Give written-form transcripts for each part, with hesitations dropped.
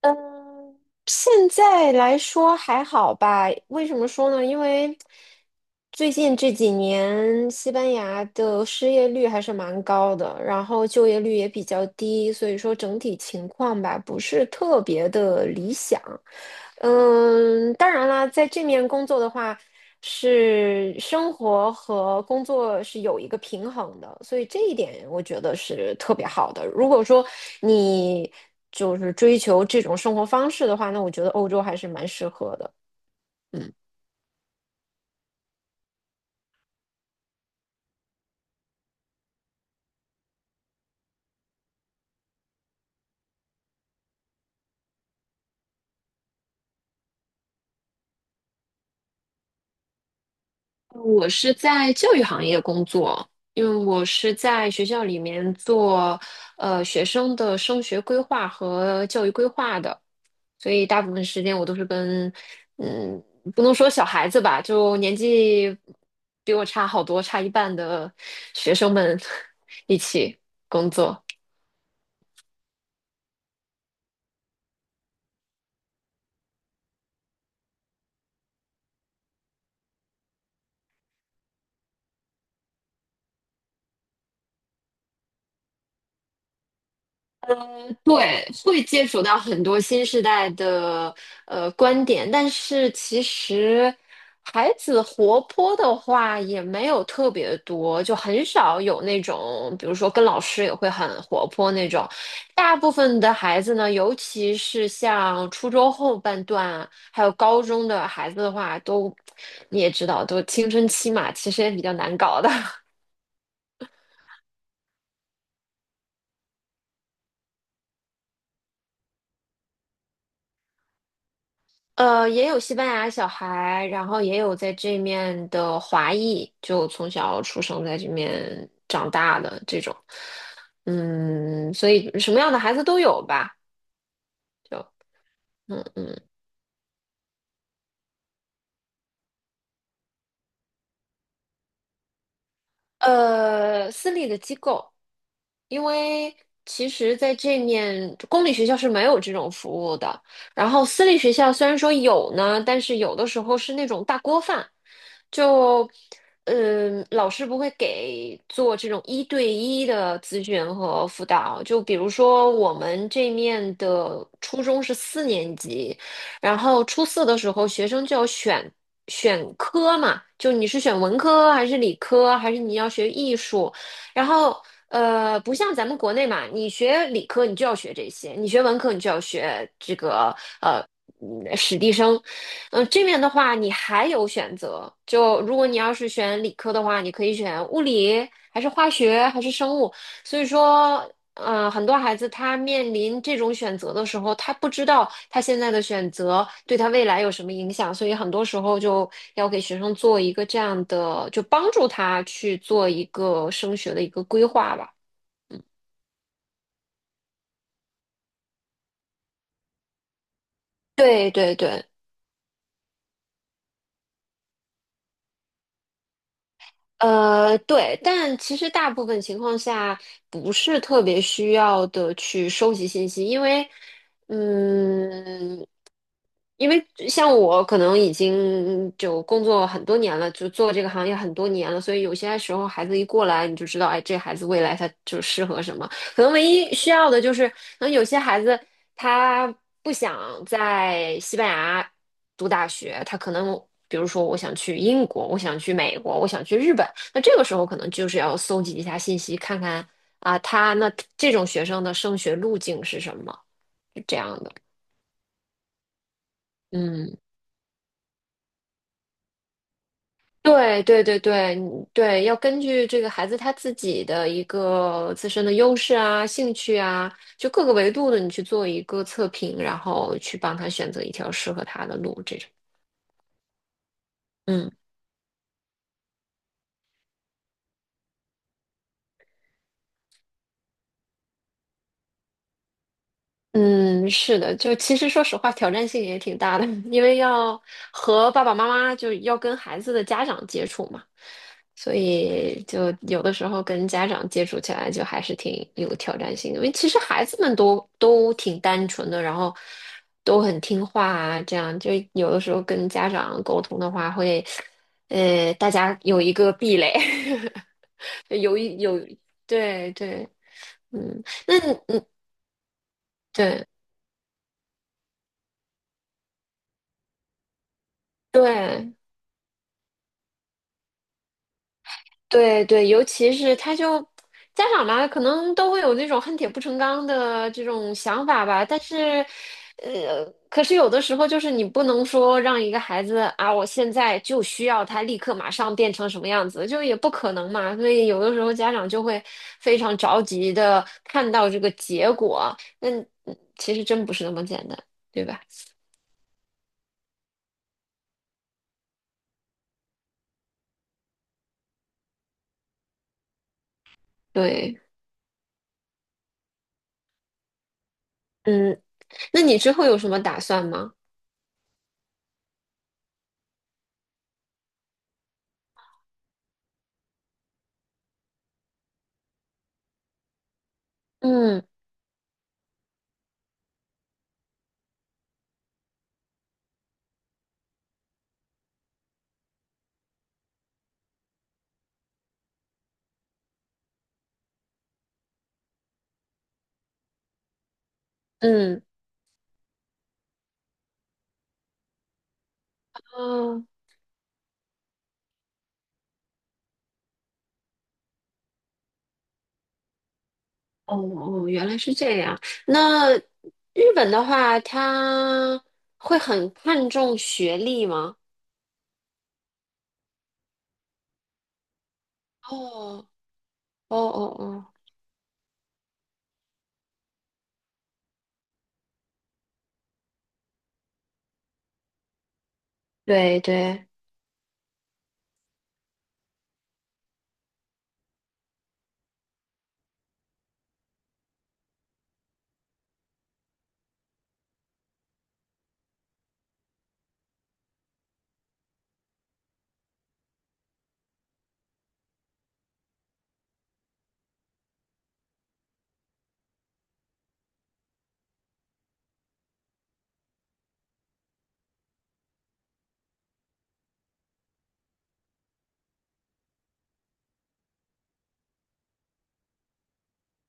嗯，现在来说还好吧？为什么说呢？因为最近这几年西班牙的失业率还是蛮高的，然后就业率也比较低，所以说整体情况吧，不是特别的理想。当然啦，在这面工作的话，是生活和工作是有一个平衡的，所以这一点我觉得是特别好的。如果说你就是追求这种生活方式的话，那我觉得欧洲还是蛮适合的。嗯。我是在教育行业工作，因为我是在学校里面做学生的升学规划和教育规划的，所以大部分时间我都是跟嗯，不能说小孩子吧，就年纪比我差好多，差一半的学生们 一起工作。对，会接触到很多新时代的观点，但是其实孩子活泼的话也没有特别多，就很少有那种，比如说跟老师也会很活泼那种。大部分的孩子呢，尤其是像初中后半段，还有高中的孩子的话，都你也知道，都青春期嘛，其实也比较难搞的。也有西班牙小孩，然后也有在这面的华裔，就从小出生在这面长大的这种，所以什么样的孩子都有吧，就，嗯嗯。私立的机构，因为其实在这面公立学校是没有这种服务的。然后私立学校虽然说有呢，但是有的时候是那种大锅饭，就老师不会给做这种一对一的咨询和辅导。就比如说我们这面的初中是四年级，然后初四的时候，学生就要选科嘛，就你是选文科还是理科，还是你要学艺术？然后不像咱们国内嘛，你学理科你就要学这些，你学文科你就要学这个呃史地生。这面的话你还有选择，就如果你要是选理科的话，你可以选物理，还是化学，还是生物。所以说，很多孩子他面临这种选择的时候，他不知道他现在的选择对他未来有什么影响，所以很多时候就要给学生做一个这样的，就帮助他去做一个升学的一个规划吧。对对对，对，但其实大部分情况下不是特别需要的去收集信息，嗯。因为像我可能已经就工作很多年了，就做这个行业很多年了，所以有些时候孩子一过来，你就知道，哎，这孩子未来他就适合什么。可能唯一需要的就是，可能有些孩子他不想在西班牙读大学，他可能比如说我想去英国，我想去美国，我想去日本，那这个时候可能就是要搜集一下信息，看看啊，这种学生的升学路径是什么，是这样的，嗯。对对对对你对，要根据这个孩子他自己的一个自身的优势啊、兴趣啊，就各个维度的，你去做一个测评，然后去帮他选择一条适合他的路，这种。嗯。嗯，是的，就其实说实话，挑战性也挺大的，因为要和爸爸妈妈，就要跟孩子的家长接触嘛，所以就有的时候跟家长接触起来，就还是挺有挑战性的。因为其实孩子们都挺单纯的，然后都很听话啊，这样就有的时候跟家长沟通的话会，大家有一个壁垒，有一有，对对，嗯，那你对对。对对，尤其是他就家长嘛，可能都会有那种恨铁不成钢的这种想法吧。但是，呃，可是有的时候就是你不能说让一个孩子啊，我现在就需要他立刻马上变成什么样子，就也不可能嘛。所以有的时候家长就会非常着急的看到这个结果，那其实真不是那么简单，对吧？对，嗯，那你之后有什么打算吗？嗯嗯。哦哦哦，原来是这样。那日本的话，他会很看重学历吗？哦哦哦哦，对对，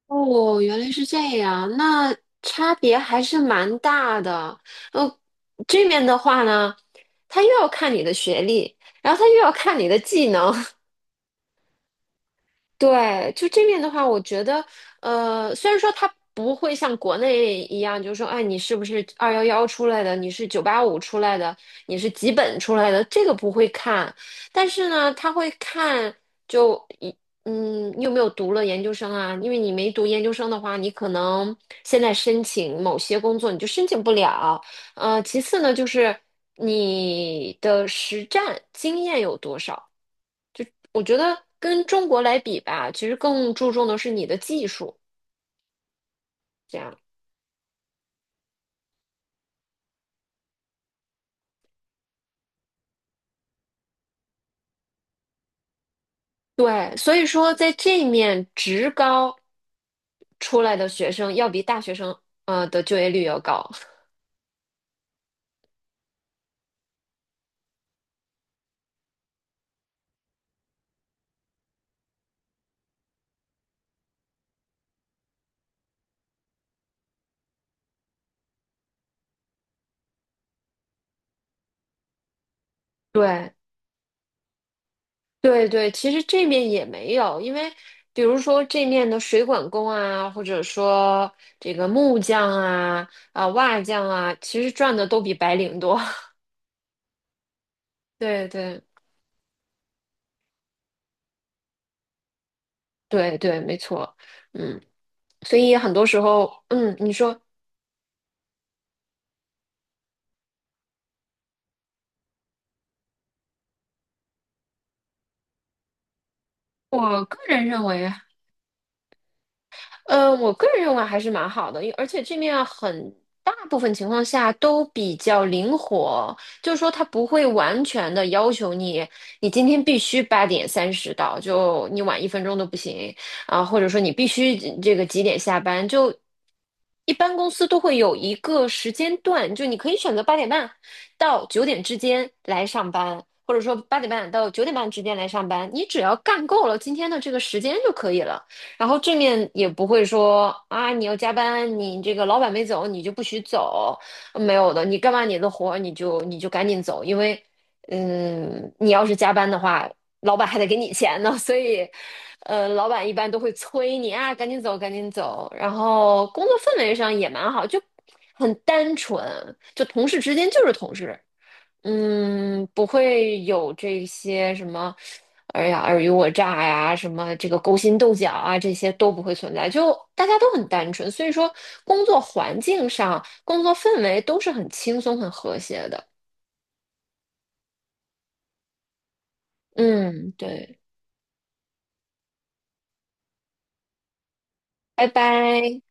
哦，原来是这样，那差别还是蛮大的。呃，这边的话呢，他又要看你的学历，然后他又要看你的技能，对，就这面的话，我觉得，虽然说它不会像国内一样，就是说，哎，你是不是211出来的，你是985出来的，你是几本出来的，这个不会看，但是呢，他会看就一。嗯，你有没有读了研究生啊？因为你没读研究生的话，你可能现在申请某些工作你就申请不了。其次呢，就是你的实战经验有多少。我觉得跟中国来比吧，其实更注重的是你的技术，这样。对，所以说在这一面，职高出来的学生要比大学生的就业率要高。对 对对，其实这面也没有，因为比如说这面的水管工啊，或者说这个木匠啊、瓦匠啊，其实赚的都比白领多。对对对对，没错，嗯，所以很多时候，你说，我个人认为。我个人认为还是蛮好的，因而且这面很大部分情况下都比较灵活，就是说它不会完全的要求你，你今天必须8:30到，就你晚1分钟都不行啊，或者说你必须这个几点下班，就一般公司都会有一个时间段，就你可以选择八点半到九点之间来上班，或者说八点半到9:30之间来上班，你只要干够了今天的这个时间就可以了。然后正面也不会说啊，你要加班，你这个老板没走，你就不许走，没有的，你干完你的活儿你就赶紧走，因为，你要是加班的话，老板还得给你钱呢，所以，老板一般都会催你啊，赶紧走，赶紧走。然后工作氛围上也蛮好，就很单纯，就同事之间就是同事。不会有这些什么，哎呀，尔虞我诈呀，什么这个勾心斗角啊，这些都不会存在，就大家都很单纯，所以说工作环境上、工作氛围都是很轻松、很和谐的。嗯，对，拜拜。